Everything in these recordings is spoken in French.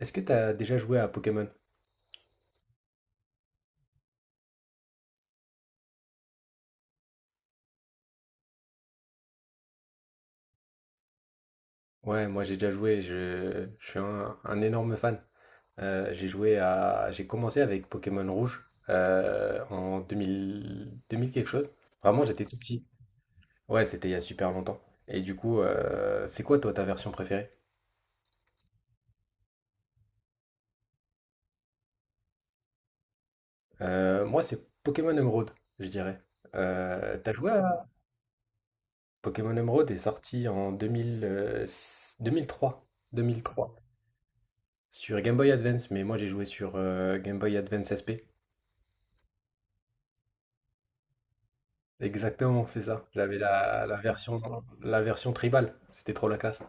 Est-ce que t'as déjà joué à Pokémon? Ouais, moi j'ai déjà joué, je suis un énorme fan. J'ai joué à, j'ai commencé avec Pokémon Rouge, en deux mille quelque chose. Vraiment, j'étais tout petit. Ouais, c'était il y a super longtemps. Et du coup, c'est quoi toi ta version préférée? Moi, c'est Pokémon Emeraude, je dirais. T'as joué à Pokémon Emeraude est sorti en 2000, deux mille trois deux mille trois sur Game Boy Advance, mais moi j'ai joué sur Game Boy Advance SP. Exactement, c'est ça. J'avais la version tribale. C'était trop la classe.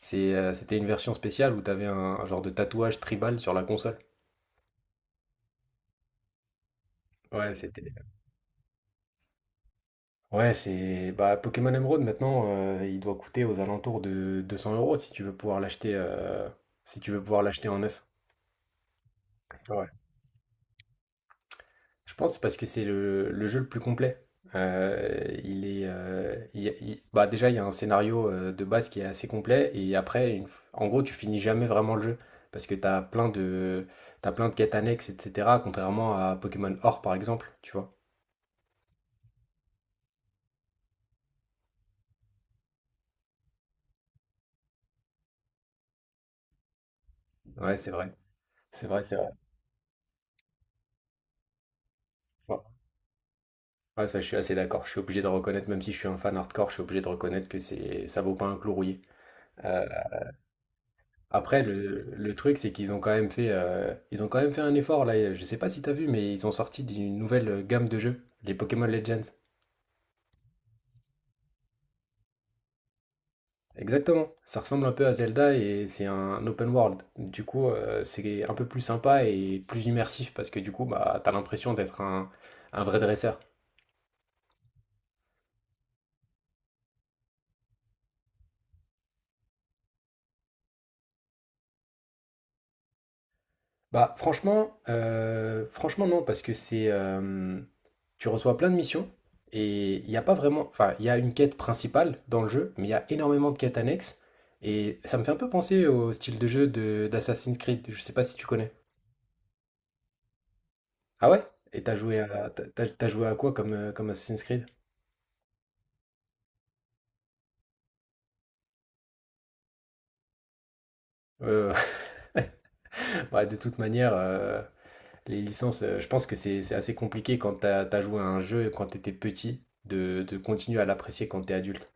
C'est, c'était une version spéciale où t'avais un genre de tatouage tribal sur la console. Ouais, c'était ouais, c'est bah, Pokémon Emeraude maintenant, il doit coûter aux alentours de 200 euros si tu veux pouvoir l'acheter, si tu veux pouvoir l'acheter en neuf. Ouais. Je pense parce que c'est le jeu le plus complet. Il est, il y a- il- bah déjà, il y a un scénario, de base qui est assez complet et après, en gros, tu finis jamais vraiment le jeu parce que tu as plein de, t'as plein de quêtes annexes, etc. Contrairement à Pokémon Or, par exemple, tu vois. Ouais, c'est vrai. C'est vrai, c'est vrai. Ouais, ouais, ça, je suis assez d'accord. Je suis obligé de reconnaître, même si je suis un fan hardcore, je suis obligé de reconnaître que c'est, ça vaut pas un clou rouillé. Euh, Après, le truc, c'est qu'ils ont quand même fait, ils ont quand même fait un effort là. Je sais pas si t'as vu, mais ils ont sorti d'une nouvelle gamme de jeux, les Pokémon Legends. Exactement. Ça ressemble un peu à Zelda et c'est un open world. Du coup, c'est un peu plus sympa et plus immersif parce que du coup, bah, t'as l'impression d'être un vrai dresseur. Bah, franchement, franchement non, parce que c'est, tu reçois plein de missions et il n'y a pas vraiment. Enfin, il y a une quête principale dans le jeu, mais il y a énormément de quêtes annexes. Et ça me fait un peu penser au style de jeu de d'Assassin's Creed. Je sais pas si tu connais. Ah ouais? Et t'as joué à quoi comme, comme Assassin's Creed? Euh, ouais, de toute manière, les licences, je pense que c'est assez compliqué quand t'as joué à un jeu quand t'étais petit de continuer à l'apprécier quand t'es adulte.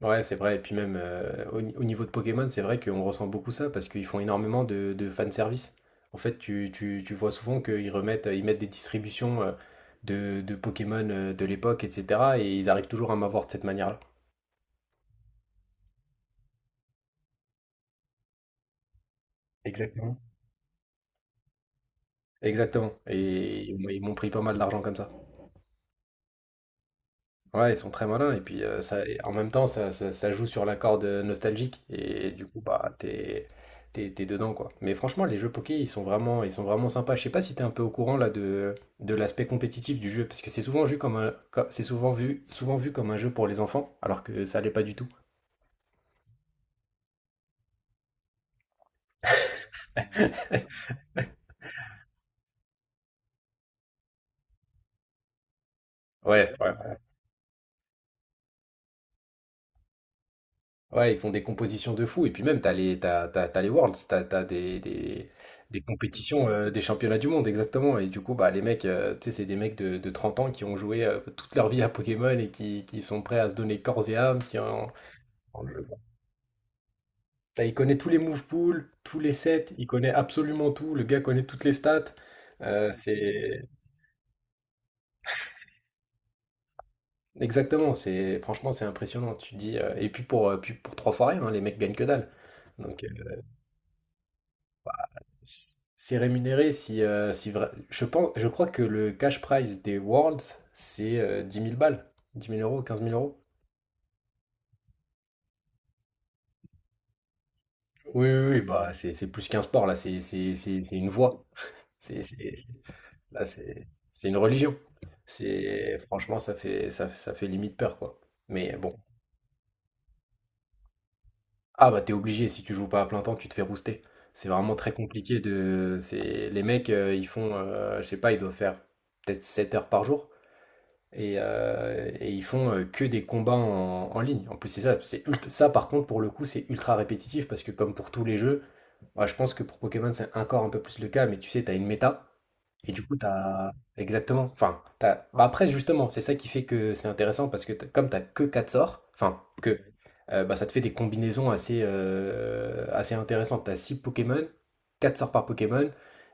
Ouais, c'est vrai et puis même, au ni au niveau de Pokémon, c'est vrai qu'on ressent beaucoup ça parce qu'ils font énormément de fanservice. En fait, tu vois souvent qu'ils remettent ils mettent des distributions, de Pokémon, de l'époque et cetera et ils arrivent toujours à m'avoir de cette manière-là. Exactement. Exactement et ils m'ont pris pas mal d'argent comme ça. Ouais, ils sont très malins et puis, ça et en même temps ça joue sur la corde nostalgique et du coup, bah, t'es dedans, quoi. Mais franchement, les jeux poké, ils sont vraiment sympas. Je sais pas si t'es un peu au courant là de l'aspect compétitif du jeu. Parce que c'est souvent vu comme un co c'est souvent vu comme un jeu pour les enfants, alors que ça l'est pas du tout. Ouais, ouais. Ouais, ils font des compositions de fou. Et puis même, t'as les Worlds, t'as t'as des compétitions, des championnats du monde, exactement. Et du coup, bah, les mecs, tu sais, c'est des mecs de 30 ans qui ont joué, toute leur vie à Pokémon et qui sont prêts à se donner corps et âme. En jeu, quoi. Il connaît tous les move pools, tous les sets, il connaît absolument tout. Le gars connaît toutes les stats. C'est exactement, c'est franchement, c'est impressionnant. Tu te dis, et puis pour trois fois rien, hein, les mecs gagnent que dalle. Donc, c'est rémunéré si, je pense, je crois que le cash prize des Worlds, c'est 10 000 balles, 10 000 euros, 15 000 euros. Oui, oui, oui, bah c'est plus qu'un sport là, c'est une voie, c'est- là c'est une religion. C'est franchement ça fait ça fait limite peur, quoi. Mais bon, ah bah t'es obligé, si tu joues pas à plein temps, tu te fais rouster. C'est vraiment très compliqué de, c'est les mecs, ils font, je sais pas, ils doivent faire peut-être 7 heures par jour. Et, ils font que des combats en ligne. En plus, c'est ça, c'est ça par contre pour le coup, c'est ultra répétitif parce que comme pour tous les jeux, moi, je pense que pour Pokémon c'est encore un peu plus le cas, mais tu sais, t'as une méta et du coup, t'as... Exactement. Enfin, t'as... bah après, justement, c'est ça qui fait que c'est intéressant parce que comme t'as que 4 sorts, enfin, que, bah, ça te fait des combinaisons assez, assez intéressantes. T'as 6 Pokémon, 4 sorts par Pokémon.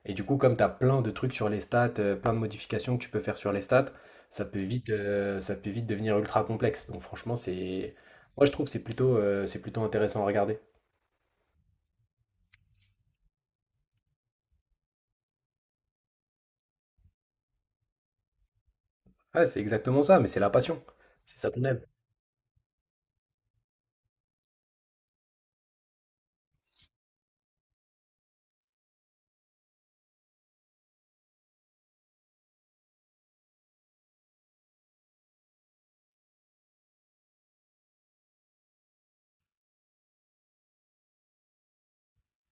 Et du coup, comme t'as plein de trucs sur les stats, plein de modifications que tu peux faire sur les stats, ça peut vite devenir ultra complexe. Donc franchement, c'est... Moi, je trouve que c'est plutôt intéressant à regarder. Ouais, c'est exactement ça, mais c'est la passion. C'est ça qu'on aime.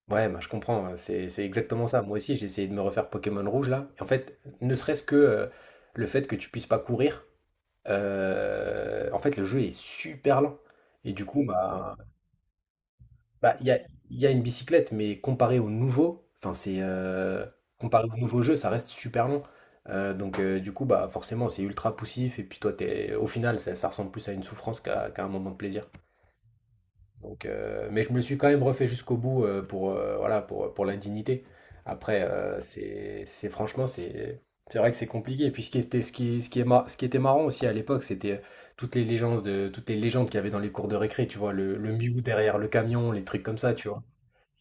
Ouais, bah, je comprends, hein, c'est exactement ça. Moi aussi, j'ai essayé de me refaire Pokémon Rouge là. Et en fait, ne serait-ce que, le fait que tu puisses pas courir, en fait, le jeu est super lent. Et du coup, bah, bah, il y a, il y a une bicyclette, mais comparé au nouveau, enfin, c'est, comparé au nouveau jeu, ça reste super long. Donc, du coup, bah, forcément, c'est ultra poussif. Et puis, toi, t'es, au final, ça ressemble plus à une souffrance qu'à qu'à un moment de plaisir. Donc, mais je me suis quand même refait jusqu'au bout, pour, voilà, pour l'indignité. Après, c'est, franchement, c'est, vrai que c'est compliqué. Et puis ce qui était, ce qui est mar- ce qui était marrant aussi à l'époque, c'était toutes les légendes qu'il y avait dans les cours de récré, tu vois, le miou derrière le camion, les trucs comme ça, tu vois.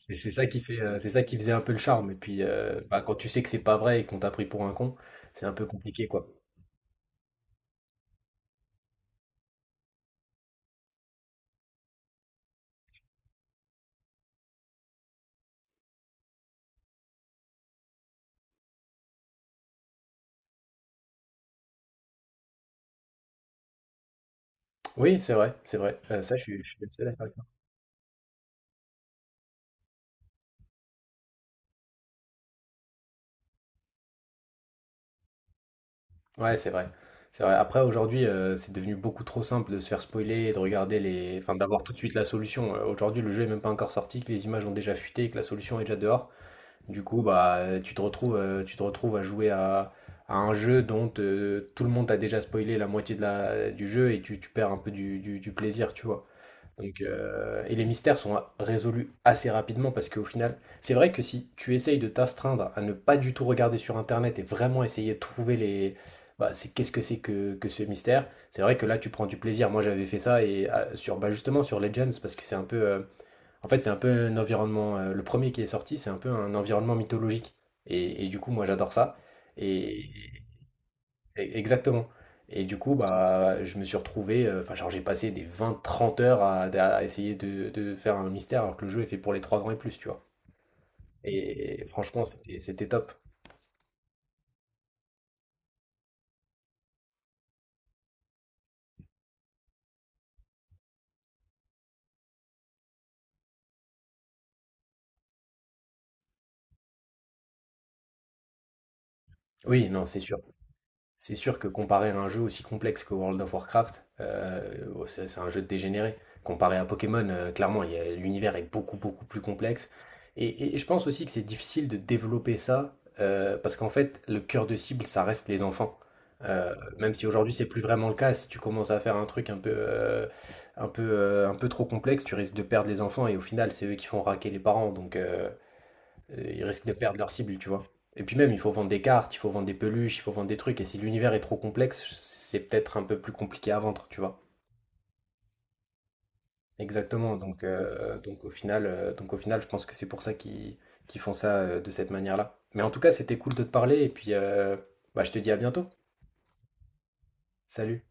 Et c'est ça qui faisait un peu le charme. Et puis, bah, quand tu sais que c'est pas vrai et qu'on t'a pris pour un con, c'est un peu compliqué, quoi. Oui, c'est vrai, c'est vrai. Ça, je Ouais, c'est vrai. C'est vrai. Après, aujourd'hui, c'est devenu beaucoup trop simple de se faire spoiler, et de regarder les... Enfin, d'avoir tout de suite la solution. Aujourd'hui, le jeu est même pas encore sorti, que les images ont déjà fuité, que la solution est déjà dehors. Du coup, bah, tu te retrouves à jouer à, un jeu dont, tout le monde a déjà spoilé la moitié de la... du jeu et tu perds un peu du plaisir, tu vois. Donc, et les mystères sont résolus assez rapidement parce qu'au final, c'est vrai que si tu essayes de t'astreindre à ne pas du tout regarder sur Internet et vraiment essayer de trouver les... Bah, c'est qu'est-ce que c'est que ce mystère, c'est vrai que là tu prends du plaisir. Moi j'avais fait ça et ah, sur bah, justement sur Legends parce que c'est un peu... en fait c'est un peu un environnement... le premier qui est sorti, c'est un peu un environnement mythologique. Et, du coup moi j'adore ça. Et, Exactement. Et du coup, bah, je me suis retrouvé, enfin, genre, j'ai passé des vingt, trente heures à, essayer de faire un mystère alors que le jeu est fait pour les 3 ans et plus, tu vois. Et franchement, c'était top. Oui, non, c'est sûr. C'est sûr que comparer à un jeu aussi complexe que World of Warcraft, bon, c'est un jeu de dégénéré. Comparé à Pokémon, clairement, l'univers est beaucoup, beaucoup plus complexe. Et, je pense aussi que c'est difficile de développer ça, parce qu'en fait, le cœur de cible, ça reste les enfants. Même si aujourd'hui, c'est plus vraiment le cas, si tu commences à faire un truc un peu, un peu trop complexe, tu risques de perdre les enfants, et au final, c'est eux qui font raquer les parents. Donc, ils risquent de perdre leur cible, tu vois. Et puis même, il faut vendre des cartes, il faut vendre des peluches, il faut vendre des trucs. Et si l'univers est trop complexe, c'est peut-être un peu plus compliqué à vendre, tu vois. Exactement. Donc, donc au final, je pense que c'est pour ça qu'ils qu'ils font ça, de cette manière-là. Mais en tout cas, c'était cool de te parler. Et puis, bah, je te dis à bientôt. Salut.